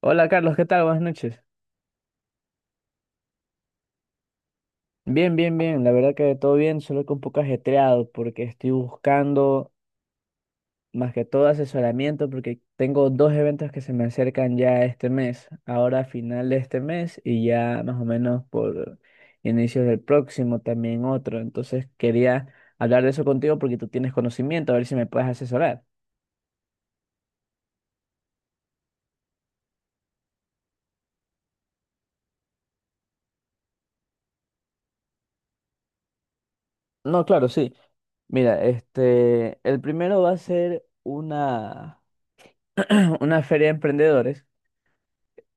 Hola Carlos, ¿qué tal? Buenas noches. Bien, bien, bien. La verdad que todo bien, solo que un poco ajetreado porque estoy buscando más que todo asesoramiento porque tengo dos eventos que se me acercan ya este mes, ahora a final de este mes y ya más o menos por inicios del próximo también otro. Entonces quería hablar de eso contigo porque tú tienes conocimiento, a ver si me puedes asesorar. No, claro, sí. Mira, este, el primero va a ser una, una feria de emprendedores,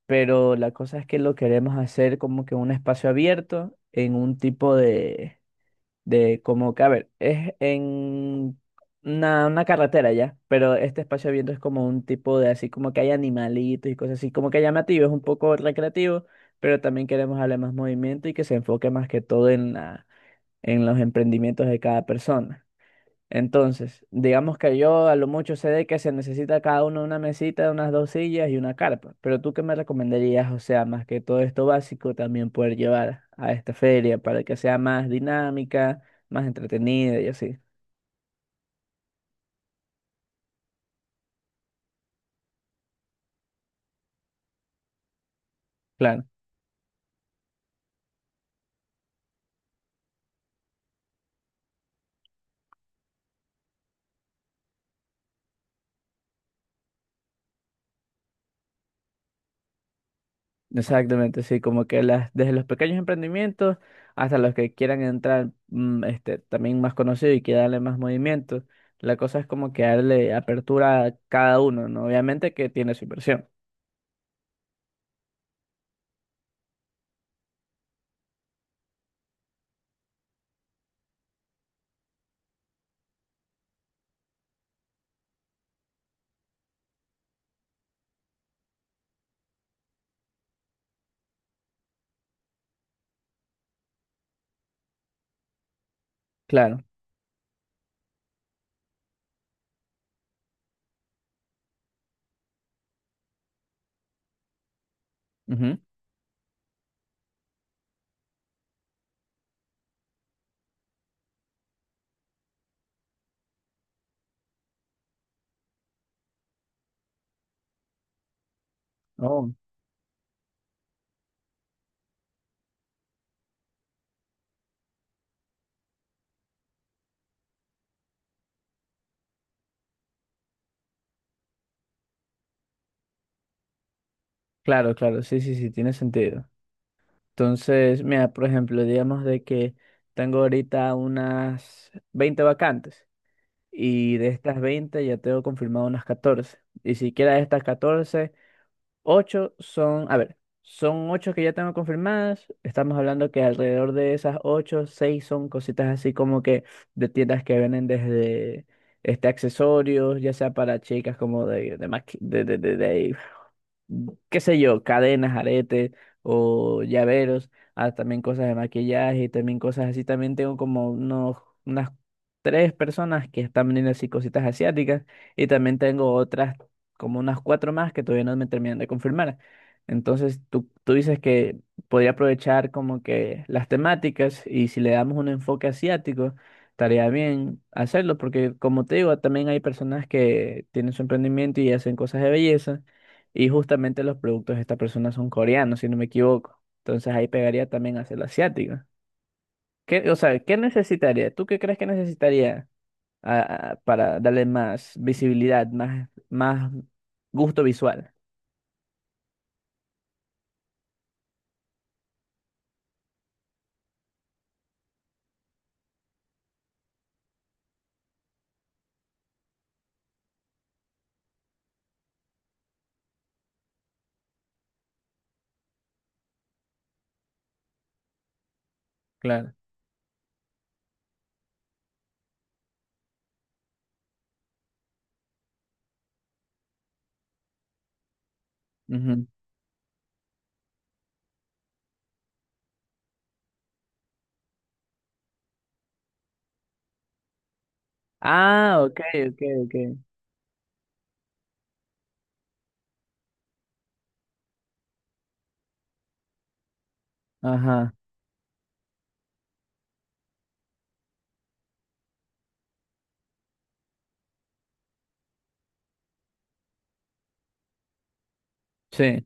pero la cosa es que lo queremos hacer como que un espacio abierto en un tipo de como que, a ver, es en una carretera ya, pero este espacio abierto es como un tipo de así como que hay animalitos y cosas así, como que llamativo, es un poco recreativo, pero también queremos darle más movimiento y que se enfoque más que todo en en los emprendimientos de cada persona. Entonces, digamos que yo a lo mucho sé de que se necesita cada uno una mesita, unas dos sillas y una carpa, pero ¿tú qué me recomendarías? O sea, más que todo esto básico, también poder llevar a esta feria para que sea más dinámica, más entretenida y así. Claro, exactamente, sí, como que desde los pequeños emprendimientos hasta los que quieran entrar este, también más conocidos, y que darle más movimiento, la cosa es como que darle apertura a cada uno, ¿no? Obviamente que tiene su inversión. Claro. Ujú. Oh. Claro, claro, sí, sí, sí, tiene sentido. Entonces, mira, por ejemplo, digamos de que tengo ahorita unas 20 vacantes y de estas 20 ya tengo confirmado unas 14. Y siquiera de estas 14, ocho son, a ver, son ocho que ya tengo confirmadas. Estamos hablando que alrededor de esas ocho, seis son cositas así como que de tiendas que venden desde este accesorios, ya sea para chicas como de, maqui- de- qué sé yo, cadenas, aretes o llaveros, ah, también cosas de maquillaje y también cosas así. También tengo como unas tres personas que están vendiendo así cositas asiáticas, y también tengo otras como unas cuatro más que todavía no me terminan de confirmar. Entonces, tú dices que podría aprovechar como que las temáticas, y si le damos un enfoque asiático, estaría bien hacerlo, porque como te digo, también hay personas que tienen su emprendimiento y hacen cosas de belleza, y justamente los productos de esta persona son coreanos, si no me equivoco. Entonces ahí pegaría también hacerlo asiático. O sea, ¿qué necesitaría? ¿Tú qué crees que necesitaría? Para darle más visibilidad, más gusto visual. Claro. Ujú. Ah, ok, ok, ok. Ajá, sí,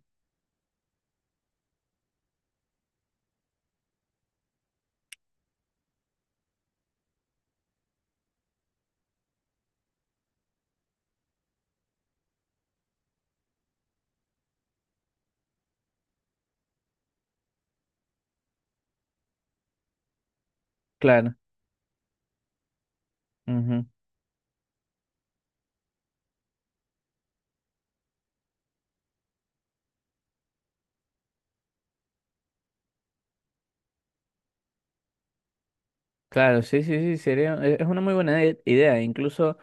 claro. Ujú. Claro, sí, sí, sí, sería, es una muy buena idea. Incluso,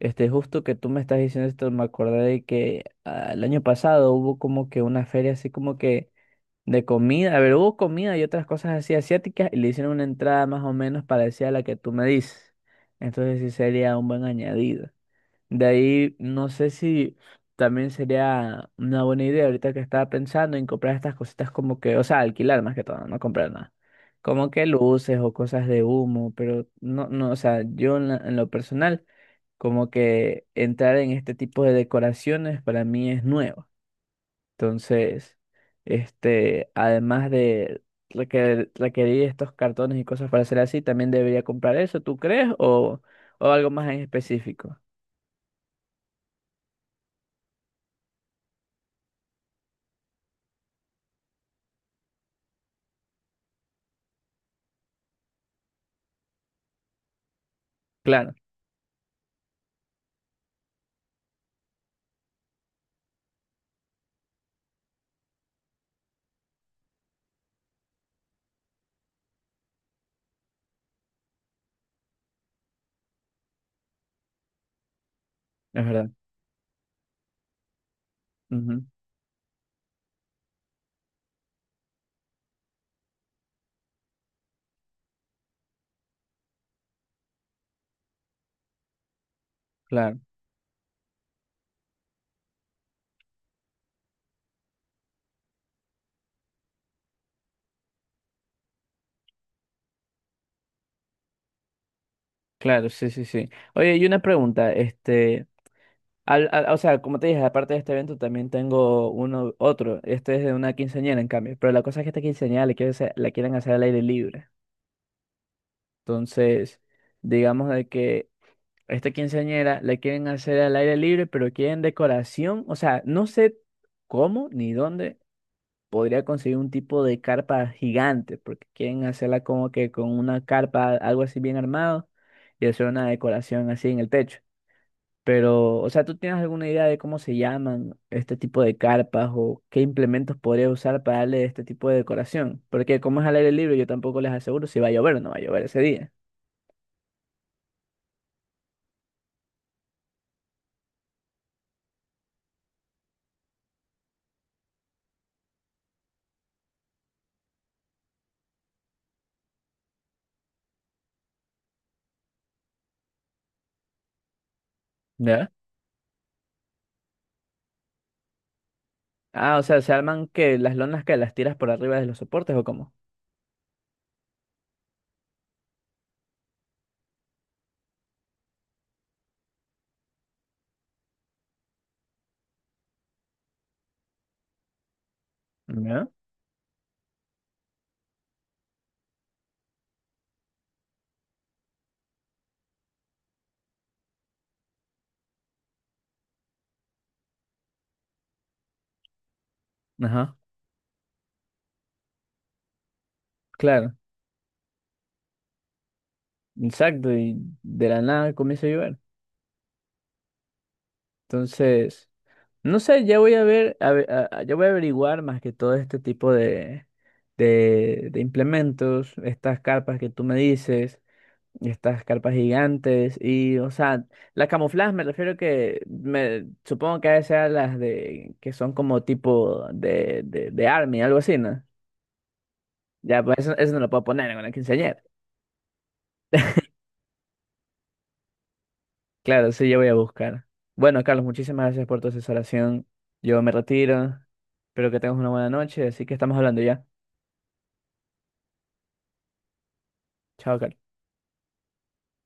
este, justo que tú me estás diciendo esto, me acordé de que ah, el año pasado hubo como que una feria así como que de comida. A ver, hubo comida y otras cosas así asiáticas, y le hicieron una entrada más o menos parecida a la que tú me dices. Entonces sí sería un buen añadido. De ahí, no sé si también sería una buena idea, ahorita que estaba pensando en comprar estas cositas como que, o sea, alquilar más que todo, no comprar nada. Como que luces o cosas de humo, pero no, no, o sea, yo en lo personal, como que entrar en este tipo de decoraciones para mí es nuevo. Entonces, este, además de requerir estos cartones y cosas para hacer así, también debería comprar eso, ¿tú crees? O algo más en específico. Claro, es verdad. Ujú. Claro, claro, sí, sí, sí. Oye, y una pregunta, este, o sea, como te dije, aparte de este evento también tengo uno, otro, este es de una quinceañera en cambio, pero la cosa es que esta quinceañera le quiere hacer- la quieren hacer al aire libre, entonces, digamos de que esta quinceañera la quieren hacer al aire libre, pero quieren decoración, o sea, no sé cómo ni dónde podría conseguir un tipo de carpa gigante, porque quieren hacerla como que con una carpa, algo así bien armado, y hacer una decoración así en el techo. Pero, o sea, ¿tú tienes alguna idea de cómo se llaman este tipo de carpas o qué implementos podría usar para darle este tipo de decoración? Porque como es al aire libre, yo tampoco les aseguro si va a llover o no va a llover ese día. ¿Ya? Ah, o sea, ¿se arman que las lonas que las tiras por arriba de los soportes o cómo? ¿Ya? Ajá, claro, exacto, y de la nada comienza a llover. Entonces. No sé, ya voy a ver, a ve- a- ya voy a averiguar más que todo este tipo de, de implementos, estas carpas que tú me dices, estas carpas gigantes, y, o sea, la camuflaje me refiero que me supongo que a veces sean las de que son como tipo de army, algo así, ¿no? Ya, pues eso no lo puedo poner en la quinceañera. Claro, sí, yo voy a buscar. Bueno, Carlos, muchísimas gracias por tu asesoración. Yo me retiro. Espero que tengas una buena noche, así que estamos hablando ya. Chao, Carlos.